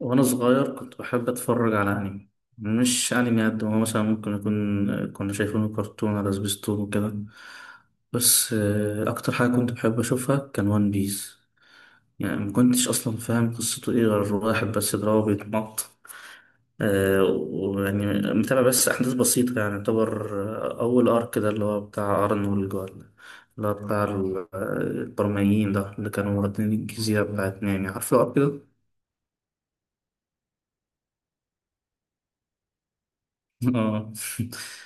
وانا صغير كنت بحب اتفرج على انمي. مش انمي قد ما هو، مثلا ممكن يكون كنا شايفينه كرتون على سبيستون وكده. بس اكتر حاجه كنت بحب اشوفها كان وان بيس. يعني ما كنتش اصلا فاهم قصته ايه، غير واحد بس دراعه بيتمط. ويعني متابع بس احداث بسيطه، يعني يعتبر. اول ارك ده اللي هو بتاع ارنولد جوال، اللي هو بتاع البرمائيين، ده اللي كانوا واخدين الجزيره بتاعت نامي. عارفه الارك ده؟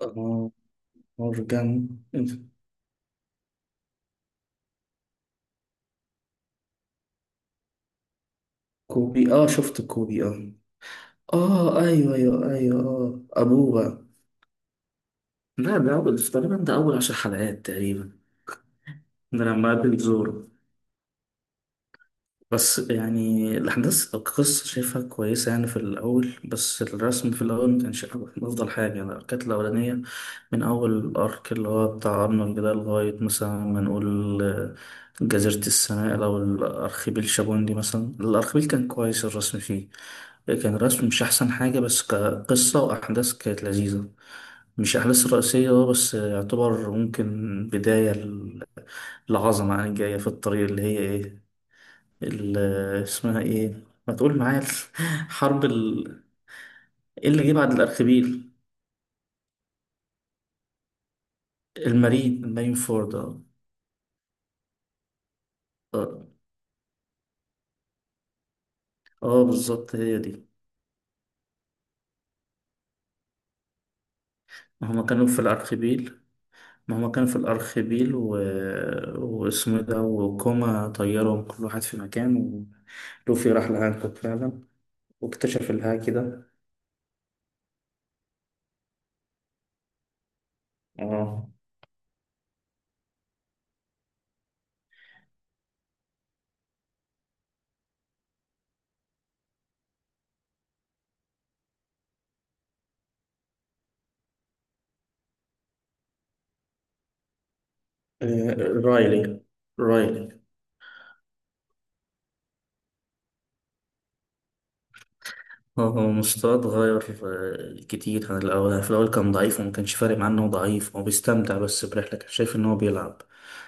اه. مورجان. كوبي، اه، شفت كوبي، اه. اه، ايوه ايوه ايوه، اه، ابوه بقى. لا ده اول تقريبا، ده اول 10 حلقات تقريبا. ده لما قابل زورو. بس يعني الاحداث، القصه شايفها كويسه يعني في الاول، بس الرسم في الاول ما كانش افضل حاجه، يعني كانت الاولانيه. من أول الأرك اللي هو بتاع أرنولد ده لغاية مثلا ما نقول جزيرة السنائل، أو الأرخبيل شابوندي، مثلا الأرخبيل كان كويس الرسم فيه. كان الرسم مش أحسن حاجة، بس كقصة وأحداث كانت لذيذة. مش أحداث رئيسية، بس يعتبر ممكن بداية ل- العظمة، يعني جاية في الطريق، اللي هي إيه، اللي اسمها إيه، ما تقول معايا. حرب ال... إيه اللي جه بعد الأرخبيل؟ المارين فورد آه. آه. اه بالظبط هي دي. ما هما كانوا في الأرخبيل. ما هما كانوا في الأرخبيل و... واسمه إيه ده، وكوما طيرهم كل واحد في مكان. ولوفي راح لهانكوك فعلا، واكتشف الهاكي ده. اه. آه، رايلي. رايلي. هو مستواه اتغير كتير عن الأول، يعني في الأول كان ضعيف، وما كانش فارق معاه إنه ضعيف، هو بيستمتع بس برحلة، كان شايف إن هو بيلعب.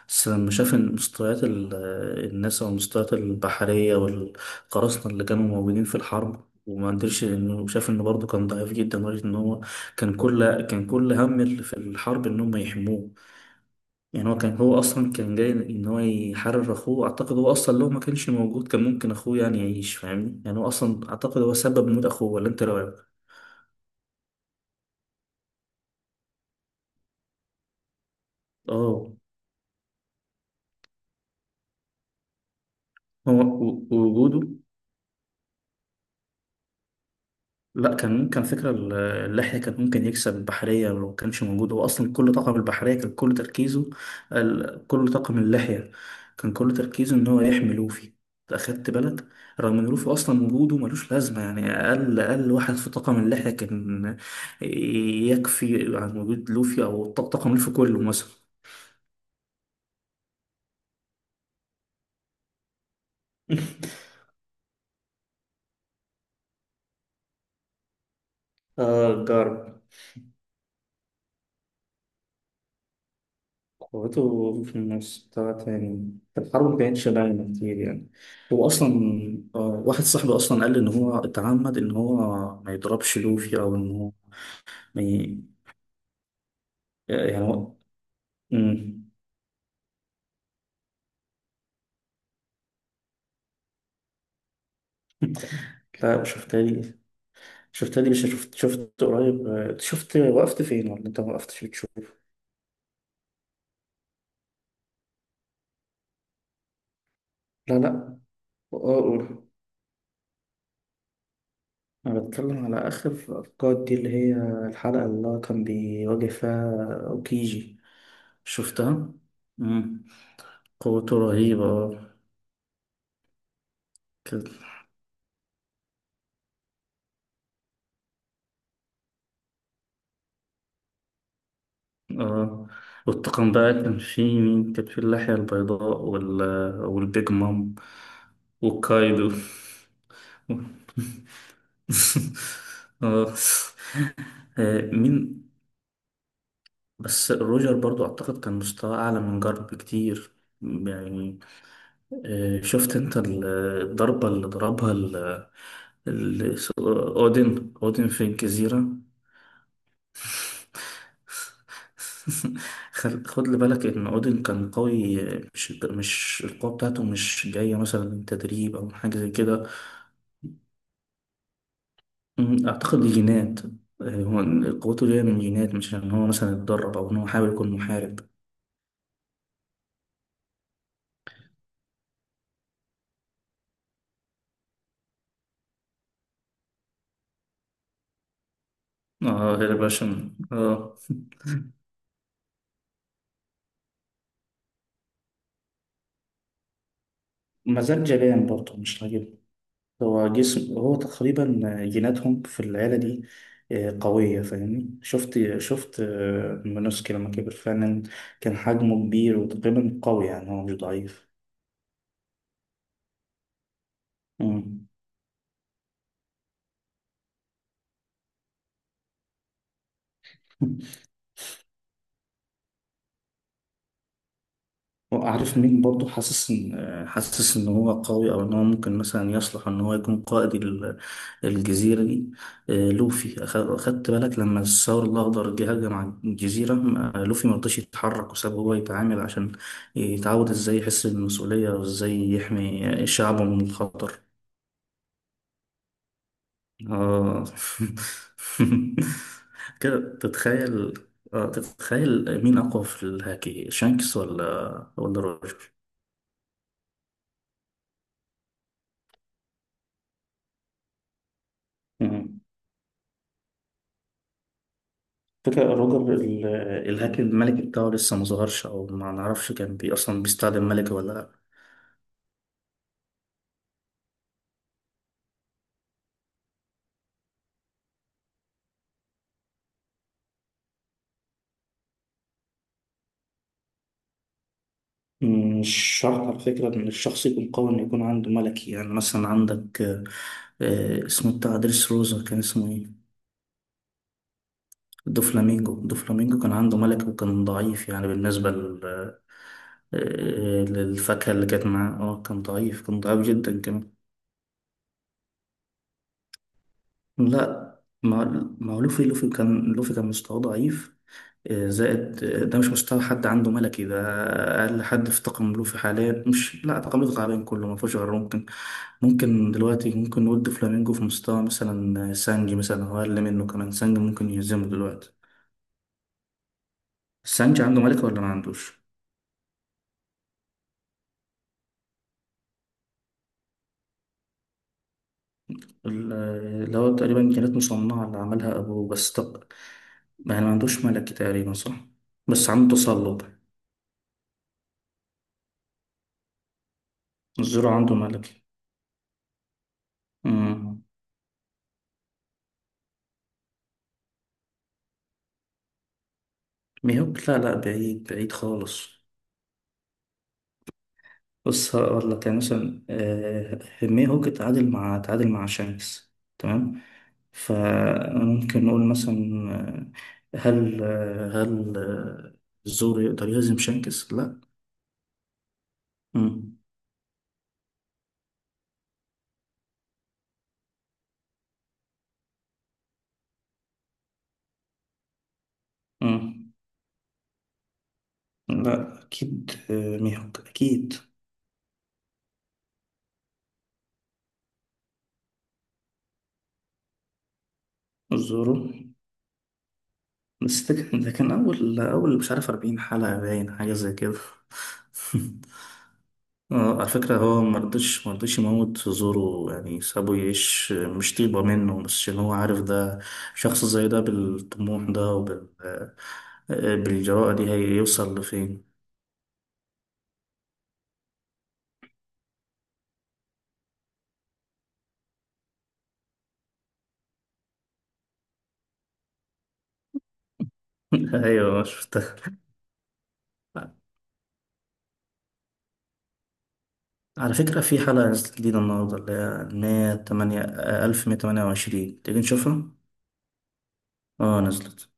بس لما شاف إن مستويات الناس، أو المستويات البحرية والقراصنة اللي كانوا موجودين في الحرب، وما قدرش، إنه شاف إنه برضه كان ضعيف جدا لدرجة إن هو كان كل هم اللي في الحرب إن هم يحموه. يعني هو اصلا كان جاي ان هو يحرر اخوه. اعتقد هو اصلا لو ما كانش موجود، كان ممكن اخوه يعني يعيش. فاهمني؟ يعني هو اصلا، اعتقد هو سبب موت اخوه، ولا انت رايك؟ اه. هو ووجوده. لا، كان فكرة اللحية، كان ممكن يكسب البحرية لو كانش موجود. هو أصلا كل طاقم البحرية كان كل تركيزه، كل طاقم اللحية كان كل تركيزه إن هو يحمي لوفي. أخدت بالك؟ رغم إن لوفي أصلا وجوده ملوش لازمة، يعني أقل واحد في طاقم اللحية كان يكفي عن وجود لوفي، أو طاقم لوفي كله مثلا. آه، جارب. قوته في مستوى تاني، في الحرب مبينش باينة كتير يعني. هو أصلا، واحد صاحبي أصلا قال لي إن هو اتعمد إن هو ما يضربش لوفي، أو إن هو ما ي... يعني هو. مم. لا، شفت لي، شفت لي، مش شفت قريب، شفت، وقفت فين، ولا أنت ما وقفتش بتشوف؟ لا لا. أقول. أنا بتكلم على آخر الأركاد دي، اللي هي الحلقة اللي هو كان بيواجه فيها أوكيجي. شفتها؟ قوته رهيبة، اه. كان. اه، والطاقم بقى كان فيه مين؟ كان فيه اللحية البيضاء وال... والبيج مام، وكايدو. اه. مين. بس روجر برضو أعتقد كان مستواه أعلى من جارب بكتير. يعني شفت أنت ال- الضربة اللي ضربها اودن في الجزيرة. خد لي بالك ان اودين كان قوي. مش القوه بتاعته مش جايه مثلا من تدريب او حاجه زي كده. اعتقد دي جينات. هو قوته جايه من جينات، مش ان هو مثلا اتدرب، او ان هو حاول يكون محارب. اه هيرباشن اه. مزاج جبان برضه، مش راجل. هو جسم، هو تقريبا جيناتهم في العيلة دي قوية، فاهمني؟ شفت مونوسكي لما كبر فعلا كان حجمه كبير، وتقريبا قوي، يعني هو مش ضعيف. مم. عارف مين برضو حاسس ان هو قوي، او ان هو ممكن مثلا يصلح ان هو يكون قائد ال- الجزيره دي؟ لوفي، خدت بالك لما الثور الاخضر جه هجم على الجزيره؟ لوفي ما رضاش يتحرك وساب هو يتعامل، عشان يتعود ازاي يحس بالمسؤوليه، وازاي يحمي شعبه من الخطر. اه. كده تتخيل؟ تتخيل مين اقوى في الهاكي؟ شانكس ولا روجر؟ فكرة روجر ال- الهاكر الملكي بتاعه لسه ما ظهرش، أو ما نعرفش كان أصلا بيستخدم ملكي ولا لأ. مش شرط على فكرة إن الشخص يكون قوي إنه يكون عنده ملكي، يعني مثلا عندك اسمه بتاع دريس روزا كان اسمه إيه؟ دوفلامينجو. كان عنده ملكي وكان ضعيف، يعني بالنسبة لل للفاكهة اللي كانت معاه. اه كان ضعيف، كان ضعيف جدا كمان. لا. ما، ما هو لوفي كان مستواه ضعيف، زائد، ده مش مستوى حد عنده ملكي ده. أقل حد في طاقم ملوفي حاليا مش، لا، طاقم ملوفي حاليا كله ما فيهوش غير ممكن دلوقتي، ممكن نقول فلامينجو في مستوى مثلا سانجي مثلا، هو أقل منه كمان، سانجي ممكن يهزمه دلوقتي. سانجي عنده ملكة ولا ما عندوش؟ اللي هو تقريبا كانت مصنعة، اللي عملها أبوه بس. طب يعني ما عندوش ملكي تقريبا، صح؟ بس عنده تسلط. الزرع عنده ملكي. مم. ميهوك؟ لا لا، بعيد بعيد خالص. بص هقول لك يعني مثلا هيمي هوج تعادل مع شانكس، تمام. فممكن نقول مثلا، آه، هل آه، هل آه، الزور يقدر يهزم شانكس؟ لا. مم. مم. لا أكيد، ميهوك أكيد. الزورو. بس ده كان أول مش عارف 40 حلقة، باين حاجة زي كده. على فكرة هو مرضش يموت في زوره، يعني سابه يعيش، مش طيبة منه، بس عشان هو عارف ده شخص زي ده، بالطموح ده، وبال بالجراءة دي، هيوصل لفين. أيوة شفتها. على فكرة في حلقة نزلت جديدة النهاردة، اللي هي 108، 1128. تيجي نشوفها؟ اه نزلت.